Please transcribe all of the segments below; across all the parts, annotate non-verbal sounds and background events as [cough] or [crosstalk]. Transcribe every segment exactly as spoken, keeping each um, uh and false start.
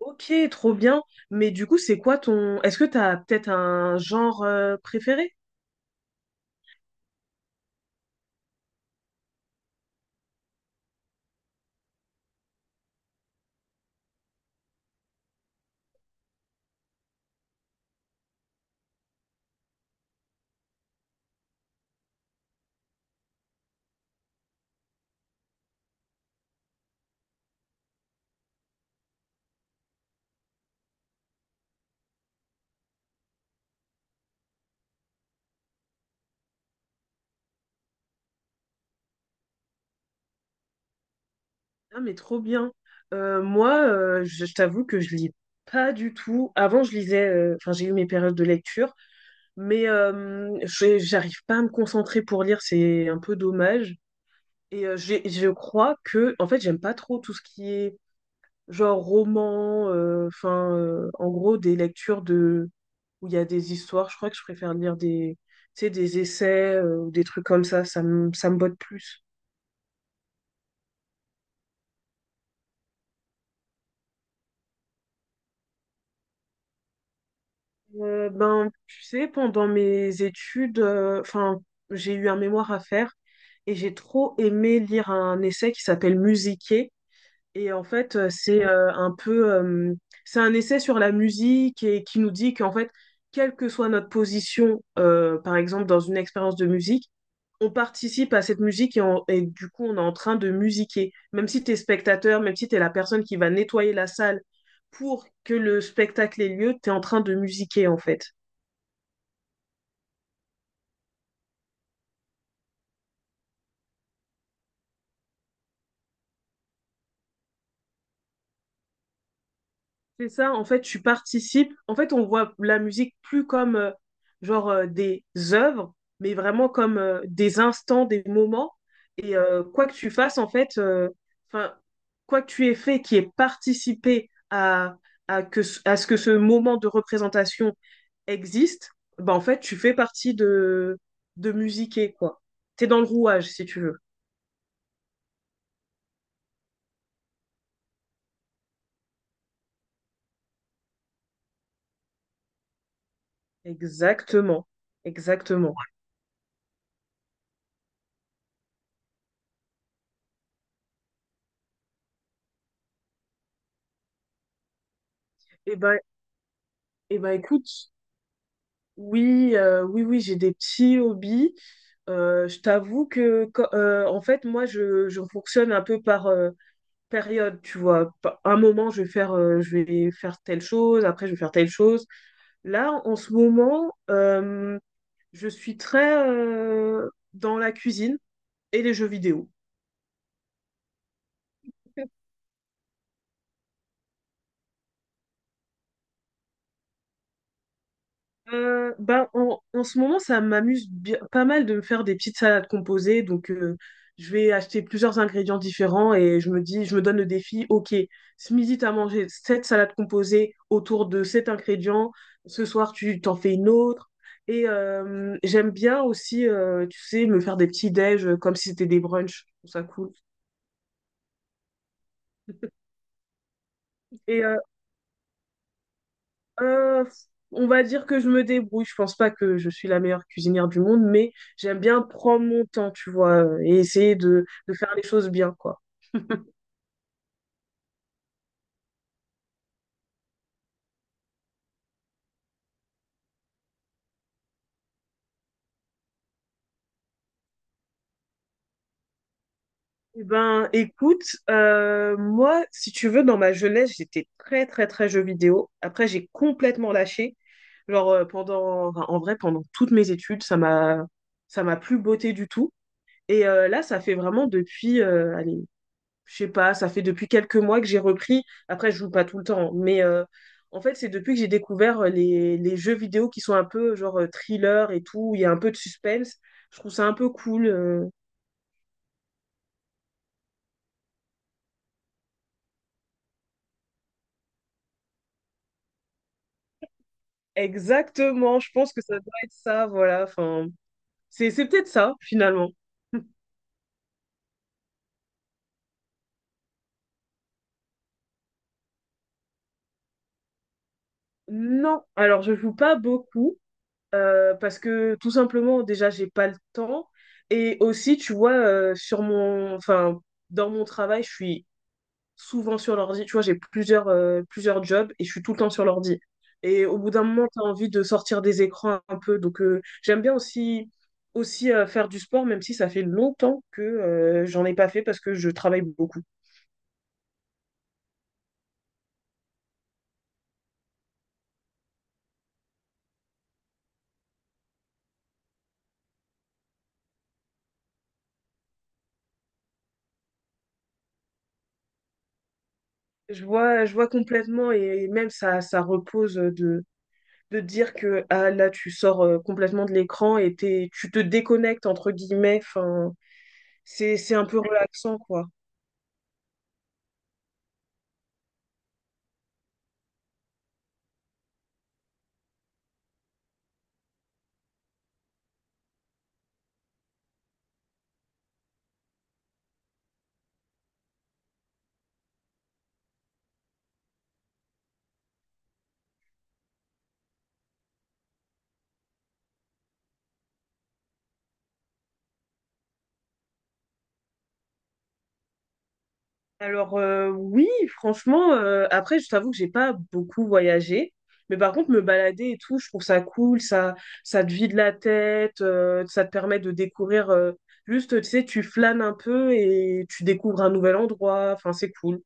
Ok, trop bien. Mais du coup, c'est quoi ton... est-ce que t'as peut-être un genre euh, préféré? Ah, mais trop bien. Euh, moi, euh, je, je t'avoue que je lis pas du tout. Avant, je lisais... euh, Enfin, j'ai eu mes périodes de lecture, mais euh, j'ai- j'arrive pas à me concentrer pour lire. C'est un peu dommage. Et euh, j'ai- je crois que... en fait, j'aime pas trop tout ce qui est genre roman, euh, enfin, euh, en gros, des lectures de où il y a des histoires. Je crois que je préfère lire des, tu sais, des essais euh, ou des trucs comme ça. Ça me, ça me botte plus. Euh, ben, tu sais, pendant mes études, euh, enfin, j'ai eu un mémoire à faire et j'ai trop aimé lire un essai qui s'appelle Musiquer. Et en fait, euh, c'est euh, un peu, euh, c'est un essai sur la musique et qui nous dit qu'en fait, quelle que soit notre position, euh, par exemple dans une expérience de musique, on participe à cette musique et, on- et du coup, on est en train de musiquer. Même si tu es spectateur, même si tu es la personne qui va nettoyer la salle pour que le spectacle ait lieu, tu es en train de musiquer en fait. C'est ça, en fait, tu participes. En fait, on voit la musique plus comme euh, genre euh, des œuvres, mais vraiment comme euh, des instants, des moments. Et euh, quoi que tu fasses, en fait, euh, enfin, quoi que tu aies fait qui ait participé à, à, que, ce- à ce que ce moment de représentation existe, bah, en fait, tu fais partie de, de musiquer, quoi. T'es dans le rouage, si tu veux. Exactement. Exactement. Et ben, et ben écoute. Oui, euh, oui, oui, j'ai des petits hobbies. Euh, je t'avoue que, quand- euh, en fait, moi, je, je fonctionne un peu par euh, période, tu vois. Pa- Un moment, je vais faire, euh, je vais faire telle chose, après, je vais faire telle chose. Là, en ce moment, euh, je suis très euh, dans la cuisine et les jeux vidéo. Euh, ben, en, en ce moment, ça m'amuse bien- pas mal de me faire des petites salades composées. Donc, euh, je vais acheter plusieurs ingrédients différents et je me dis, je me donne le défi, ok, ce midi, tu as mangé cette salade composée autour de cet ingrédient. Ce soir, tu t'en fais une autre. Et euh, j'aime bien aussi, euh, tu sais, me faire des petits déj euh, comme si c'était des brunchs. Je trouve ça cool. Et euh, Euh, on va dire que je me débrouille. Je pense pas que je suis la meilleure cuisinière du monde, mais j'aime bien prendre mon temps, tu vois, et essayer de, de faire les choses bien, quoi. [laughs] Eh ben, écoute, euh, moi, si tu veux, dans ma jeunesse, j'étais très, très, très jeux vidéo. Après, j'ai complètement lâché. Genre, euh, pendant, enfin, en vrai, pendant toutes mes études, ça m'a, ça m'a plus botté du tout. Et euh, là, ça fait vraiment depuis, euh, allez, je sais pas, ça fait depuis quelques mois que j'ai repris. Après, je joue pas tout le temps, mais euh, en fait, c'est depuis que j'ai découvert euh, les, les jeux vidéo qui sont un peu genre euh, thriller et tout, où il y a un peu de suspense. Je trouve ça un peu cool. euh. Exactement, je pense que ça doit être ça, voilà. Enfin, c'est c'est peut-être ça, finalement. [laughs] Non, alors je joue pas beaucoup euh, parce que tout simplement déjà j'ai pas le temps et aussi tu vois euh, sur mon enfin dans mon travail je suis souvent sur l'ordi. Tu vois, j'ai plusieurs, euh, plusieurs jobs et je suis tout le temps sur l'ordi. Et au bout d'un moment, tu as envie de sortir des écrans un peu. Donc, euh, j'aime bien aussi, aussi euh, faire du sport, même si ça fait longtemps que euh, j'en ai pas fait parce que je travaille beaucoup. Je vois, je vois complètement et même ça, ça repose de, de dire que ah, là, tu sors euh, complètement de l'écran et t'es- tu te déconnectes, entre guillemets. Enfin, c'est, c'est un peu relaxant, quoi. Alors euh, oui, franchement, euh, après je t'avoue que j'ai pas beaucoup voyagé, mais par contre me balader et tout, je trouve ça cool, ça, ça te vide la tête, euh, ça te permet de découvrir, euh, juste tu sais, tu flânes un peu et tu découvres un nouvel endroit, enfin c'est cool.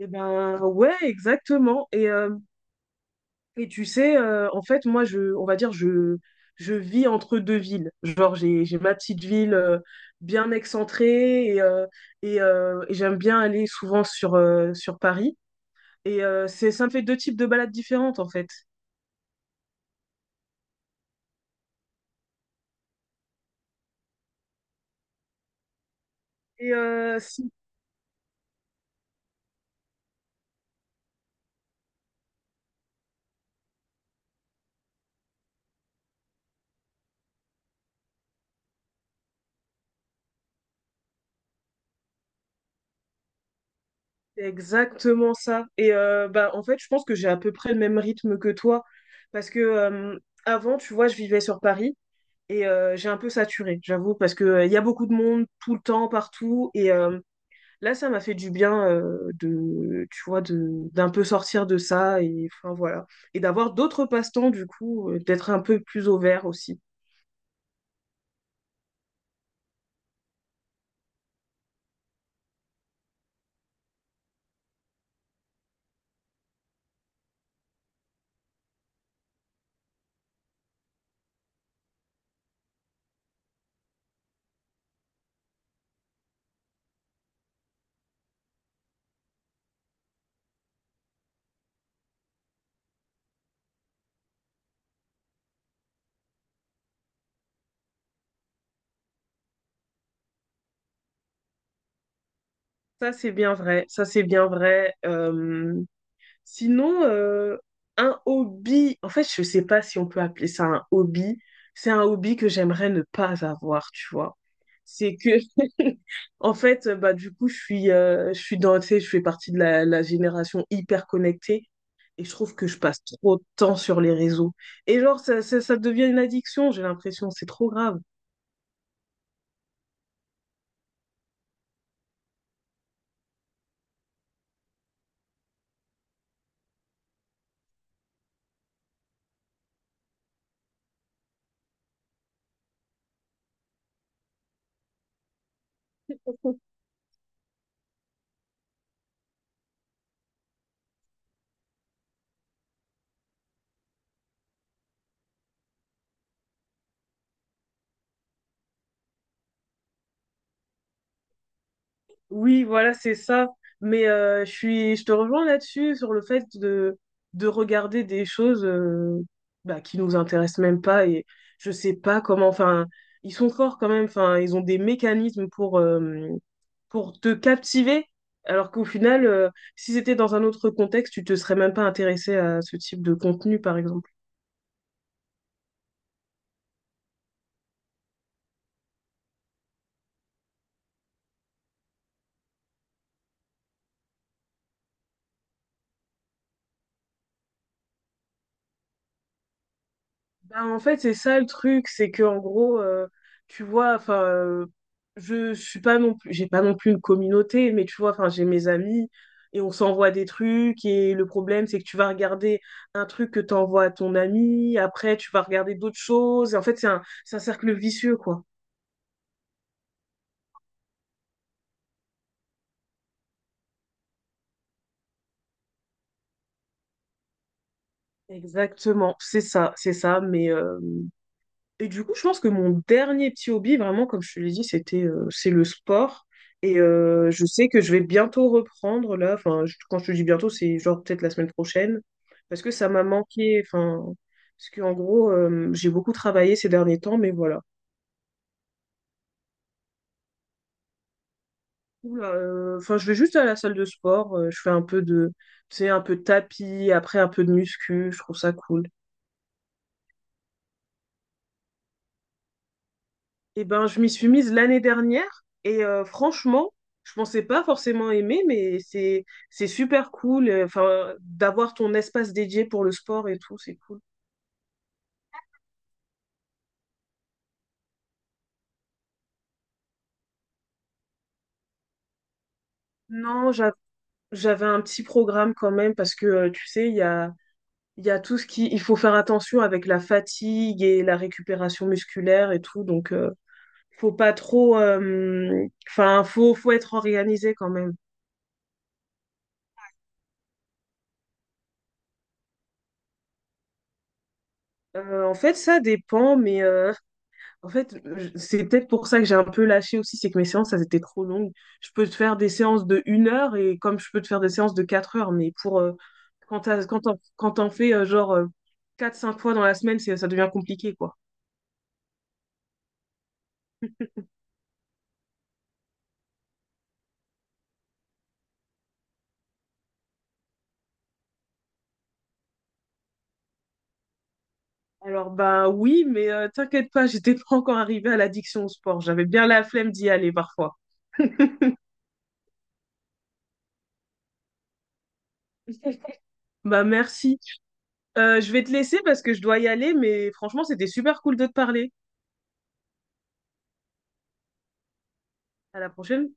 Et ben ouais, exactement. Et euh, Et tu sais, euh, en fait, moi, je, on va dire, je, je vis entre deux villes. Genre, j'ai, j'ai ma petite ville euh, bien excentrée, et, euh, et, euh, et j'aime bien aller souvent sur, euh, sur Paris. Et euh, c'est, ça me fait deux types de balades différentes, en fait. Et euh, si, c'est exactement ça. Et euh, bah, en fait, je pense que j'ai à peu près le même rythme que toi. Parce que euh, avant, tu vois, je vivais sur Paris et euh, j'ai un peu saturé, j'avoue, parce que euh, il y a beaucoup de monde tout le temps, partout. Et, euh, Là, ça m'a fait du bien euh, de, tu vois, de, d'un peu sortir de ça et enfin voilà, et d'avoir d'autres passe-temps du coup, euh, d'être un peu plus au vert aussi. Ça, c'est bien vrai. Ça, c'est bien vrai. Euh, sinon, euh, un hobby. En fait, je sais pas si on peut appeler ça un hobby. C'est un hobby que j'aimerais ne pas avoir, tu vois. C'est que, [laughs] en fait, bah du coup, je suis, euh, je suis dans, tu sais, je fais partie de la, la génération hyper connectée. Et je trouve que je passe trop de temps sur les réseaux. Et genre, ça, ça, ça devient une addiction, j'ai l'impression, c'est trop grave. Oui, voilà, c'est ça. Mais euh, je suis, je te rejoins là-dessus, sur le fait de, de regarder des choses euh, bah, qui nous intéressent même pas. Et je sais pas comment, enfin, ils sont forts quand même, enfin, ils ont des mécanismes pour, euh, pour te captiver. Alors qu'au final, euh, si c'était dans un autre contexte, tu te serais même pas intéressé à ce type de contenu, par exemple. Bah, en fait, c'est ça le truc, c'est que en gros, euh, tu vois, enfin, euh, je suis pas non plus, j'ai pas non plus une communauté, mais tu vois, enfin, j'ai mes amis et on s'envoie des trucs et le problème, c'est que tu vas regarder un truc que t'envoies à ton ami, après tu vas regarder d'autres choses. Et en fait, c'est un, c'est un cercle vicieux, quoi. Exactement, c'est ça, c'est ça, mais euh, et du coup, je pense que mon dernier petit hobby, vraiment, comme je te l'ai dit, c'était euh, c'est le sport. Et euh, je sais que je vais bientôt reprendre là. Enfin, je- quand je te dis bientôt, c'est genre peut-être la semaine prochaine. Parce que ça m'a manqué. Enfin, parce qu'en gros, euh, j'ai beaucoup travaillé ces derniers temps, mais voilà. Oula, euh, Enfin, je vais juste à la salle de sport. Euh, je fais un peu de, tu sais, un peu de tapis, après un peu de muscu. Je trouve ça cool. Eh ben, je m'y suis mise l'année dernière et euh, franchement, je pensais pas forcément aimer, mais c'est c'est super cool. euh, Enfin, d'avoir ton espace dédié pour le sport et tout, c'est cool. Non, j'a- j'avais un petit programme quand même parce que euh, tu sais, il y a il y a tout ce qui il faut faire attention avec la fatigue et la récupération musculaire et tout, donc euh, faut pas trop. euh, Enfin, faut faut être organisé quand même. Euh, en fait, ça dépend, mais euh, En fait, je- c'est peut-être pour ça que j'ai un peu lâché aussi, c'est que mes séances, elles étaient trop longues. Je peux te faire des séances de une heure et comme je peux te faire des séances de quatre heures, mais pour euh, quand t'as- quand t'en, quand t'en fais euh, genre euh, quatre, cinq fois dans la semaine, c'est- ça devient compliqué, quoi. [laughs] Alors bah oui, mais euh, t'inquiète pas, j'étais pas encore arrivée à l'addiction au sport. J'avais bien la flemme d'y aller parfois. [laughs] Bah merci. Euh, je vais te laisser parce que je dois y aller, mais franchement, c'était super cool de te parler. À la prochaine.